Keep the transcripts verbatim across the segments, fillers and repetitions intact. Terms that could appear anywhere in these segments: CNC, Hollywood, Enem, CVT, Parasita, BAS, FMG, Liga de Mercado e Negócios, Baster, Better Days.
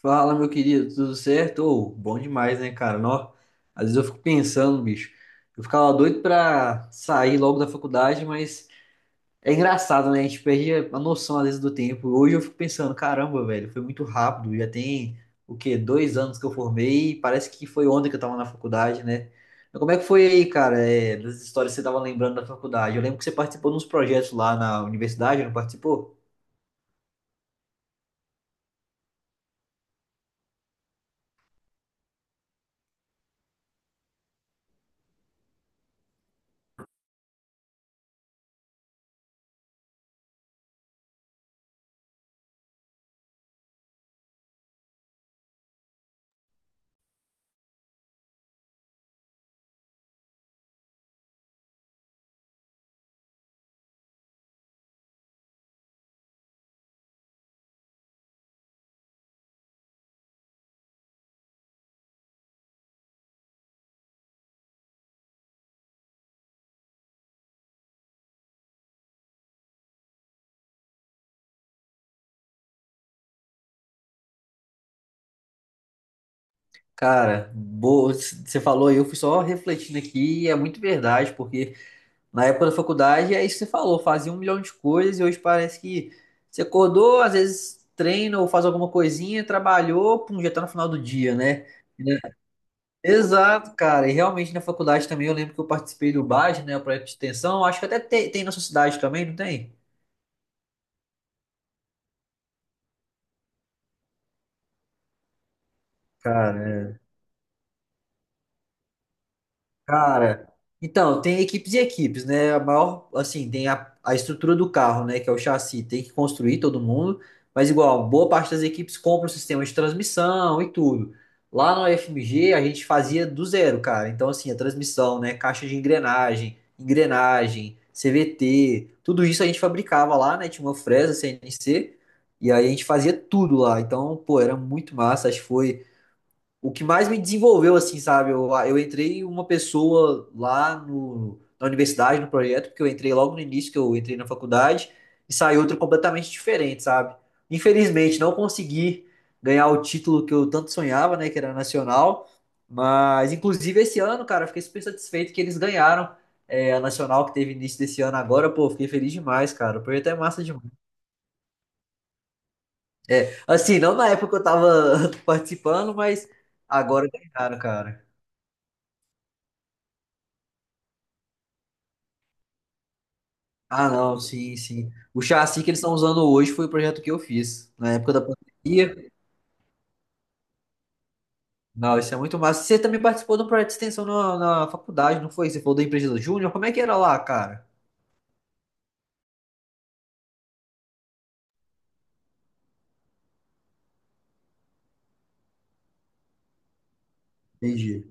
Fala, meu querido, tudo certo? Ô, bom demais, né, cara? Nó, às vezes eu fico pensando, bicho. Eu ficava doido pra sair logo da faculdade, mas é engraçado, né? A gente perde a noção, às vezes, do tempo. Hoje eu fico pensando, caramba, velho, foi muito rápido. Já tem, o quê? Dois anos que eu formei e parece que foi ontem que eu tava na faculdade, né? Mas como é que foi aí, cara, é, das histórias que você tava lembrando da faculdade? Eu lembro que você participou de uns projetos lá na universidade, não participou? Cara, boa, você falou, e eu fui só refletindo aqui, e é muito verdade, porque na época da faculdade é isso que você falou, fazia um milhão de coisas e hoje parece que você acordou, às vezes treina ou faz alguma coisinha, trabalhou, pum, já tá no final do dia, né? Né? Exato, cara, e realmente na faculdade também eu lembro que eu participei do B A S, né, o projeto de extensão, acho que até tem, tem na sua cidade também, não tem? Cara, Cara, então, tem equipes e equipes, né? A maior, assim, tem a, a estrutura do carro, né? Que é o chassi, tem que construir todo mundo, mas igual, boa parte das equipes compra o sistema de transmissão e tudo. Lá na F M G a gente fazia do zero, cara. Então, assim, a transmissão, né? Caixa de engrenagem, engrenagem, C V T, tudo isso a gente fabricava lá, né? Tinha uma fresa C N C, e aí a gente fazia tudo lá. Então, pô, era muito massa. Acho que foi o que mais me desenvolveu, assim, sabe? Eu, eu entrei uma pessoa lá no, na universidade, no projeto, porque eu entrei logo no início, que eu entrei na faculdade, e saí outra completamente diferente, sabe? Infelizmente, não consegui ganhar o título que eu tanto sonhava, né? Que era nacional. Mas, inclusive, esse ano, cara, eu fiquei super satisfeito que eles ganharam. É, a Nacional que teve início desse ano agora, pô, eu fiquei feliz demais, cara. O projeto é massa demais. É, assim, não na época que eu tava participando, mas agora ganharam, cara. Ah, não, sim, sim. O chassi que eles estão usando hoje foi o projeto que eu fiz na época da pandemia. Não, isso é muito massa. Você também participou de um projeto de extensão na, na faculdade, não foi? Você falou da empresa Júnior? Como é que era lá, cara? Entendi.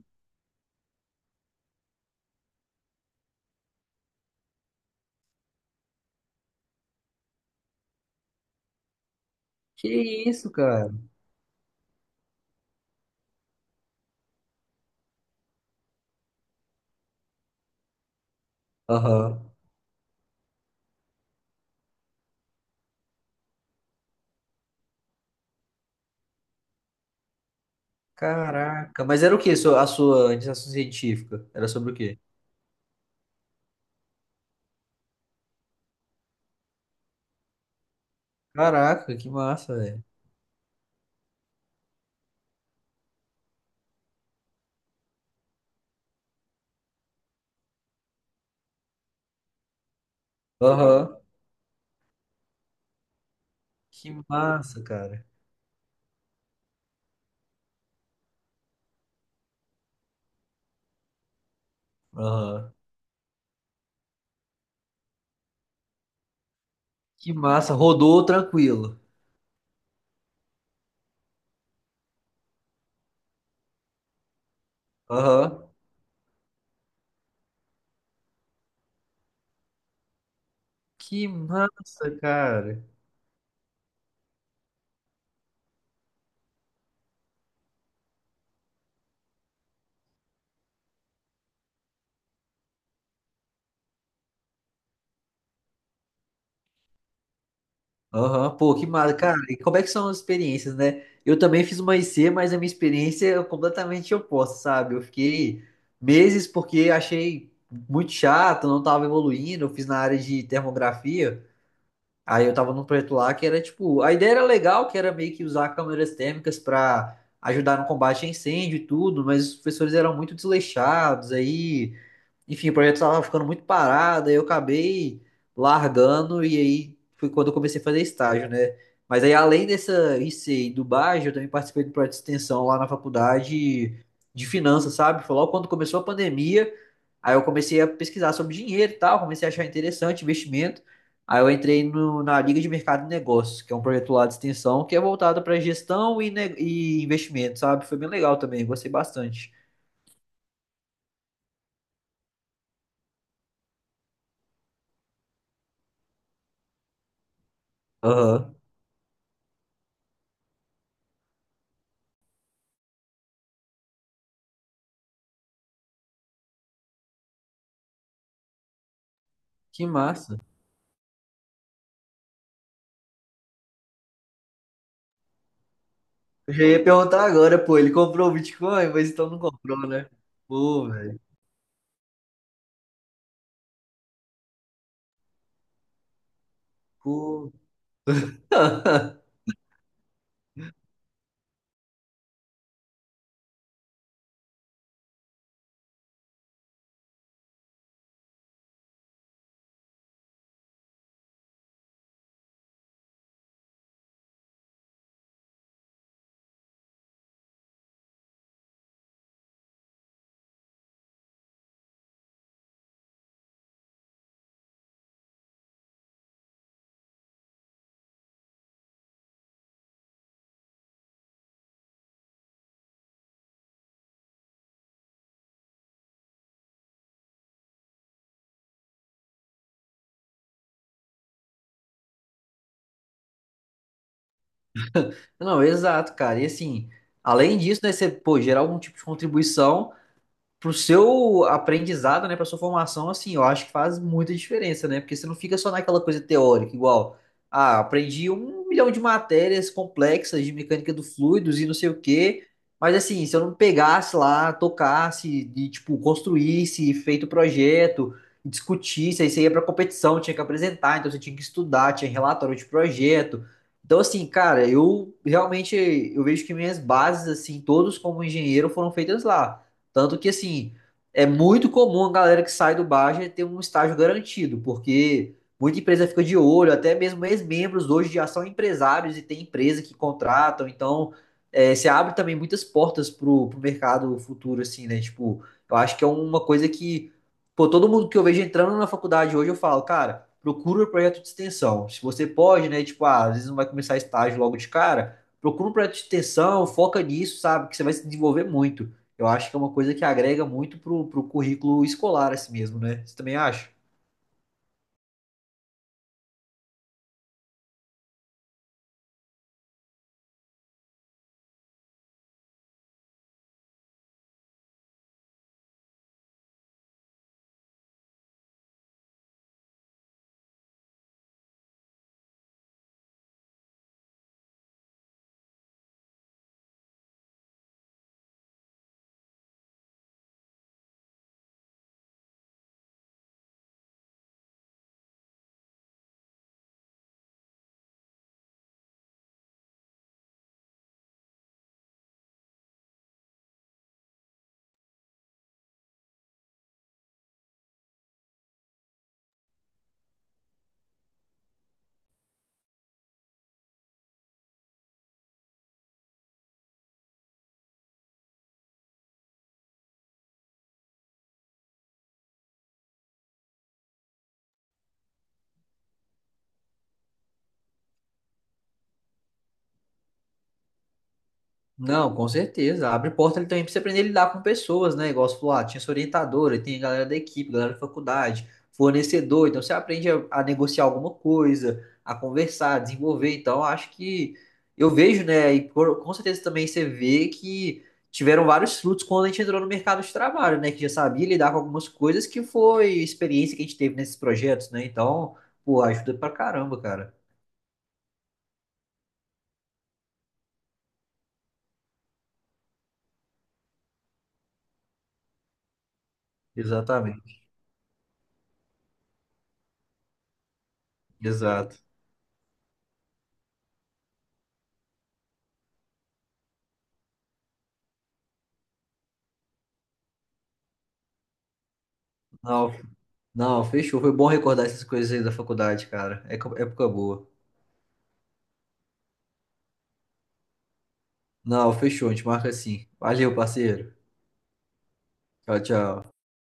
Que isso, cara? Aham. Caraca. Mas era o que a sua a sua iniciação científica? Era sobre o quê? Caraca, que massa, velho. Aham. Que massa, cara. Aham. Que massa. Rodou tranquilo. Aham. Que massa, cara. Aham, pô, que mara, cara. E como é que são as experiências, né? Eu também fiz uma I C, mas a minha experiência é completamente oposta, sabe? Eu fiquei meses porque achei muito chato, não tava evoluindo. Eu fiz na área de termografia. Aí eu tava num projeto lá que era tipo, a ideia era legal, que era meio que usar câmeras térmicas pra ajudar no combate a incêndio e tudo, mas os professores eram muito desleixados. Aí enfim, o projeto estava ficando muito parado, aí eu acabei largando e aí foi quando eu comecei a fazer estágio, né? Mas aí além dessa I C e do Bajo, eu também participei do projeto de extensão lá na faculdade de finanças, sabe? Foi logo quando começou a pandemia, aí eu comecei a pesquisar sobre dinheiro e tal, comecei a achar interessante investimento. Aí eu entrei no- na Liga de Mercado e Negócios, que é um projeto lá de extensão que é voltado para gestão e, ne- e investimento, sabe? Foi bem legal também, gostei bastante. Aham. Que massa. Eu já ia perguntar agora, pô, ele comprou o Bitcoin, mas então não comprou, né? Pô, velho. Pô. Não, exato, cara. E assim, além disso, né, você, pô, gerar algum tipo de contribuição, pro seu aprendizado, né, pra sua formação, assim, eu acho que faz muita diferença, né? Porque você não fica só naquela coisa teórica, igual, ah, aprendi um milhão de matérias complexas de mecânica do fluidos e não sei o quê, mas assim, se eu não pegasse lá, tocasse e, tipo, construísse, feito o projeto, discutisse, aí você ia pra competição, tinha que apresentar, então você tinha que estudar, tinha relatório de projeto. Então, assim, cara, eu realmente, eu vejo que minhas bases, assim, todos como engenheiro foram feitas lá. Tanto que, assim, é muito comum a galera que sai do Baster ter um estágio garantido, porque muita empresa fica de olho, até mesmo ex-membros hoje já são empresários e tem empresa que contratam, então é, você abre também muitas portas pro, pro mercado futuro, assim, né? Tipo, eu acho que é uma coisa que, pô, todo mundo que eu vejo entrando na faculdade hoje, eu falo, cara, procura um projeto de extensão. Se você pode, né? Tipo, ah, às vezes não vai começar estágio logo de cara, procura um projeto de extensão, foca nisso, sabe? Que você vai se desenvolver muito. Eu acho que é uma coisa que agrega muito pro, pro currículo escolar, assim mesmo, né? Você também acha? Não, com certeza. Abre porta ali também pra você aprender a lidar com pessoas, né? Igual você falou, ah, tinha sua orientadora, tem a galera da equipe, galera da faculdade, fornecedor. Então você aprende a, a negociar alguma coisa, a conversar, a desenvolver. Então acho que eu vejo, né? E por- com certeza também você vê que tiveram vários frutos quando a gente entrou no mercado de trabalho, né? Que já sabia lidar com algumas coisas que foi experiência que a gente teve nesses projetos, né? Então, pô, ajuda pra caramba, cara. Exatamente. Exato. Não, não, fechou. Foi bom recordar essas coisas aí da faculdade, cara. É co- época boa. Não, fechou. A gente marca assim. Valeu, parceiro. Tchau, tchau.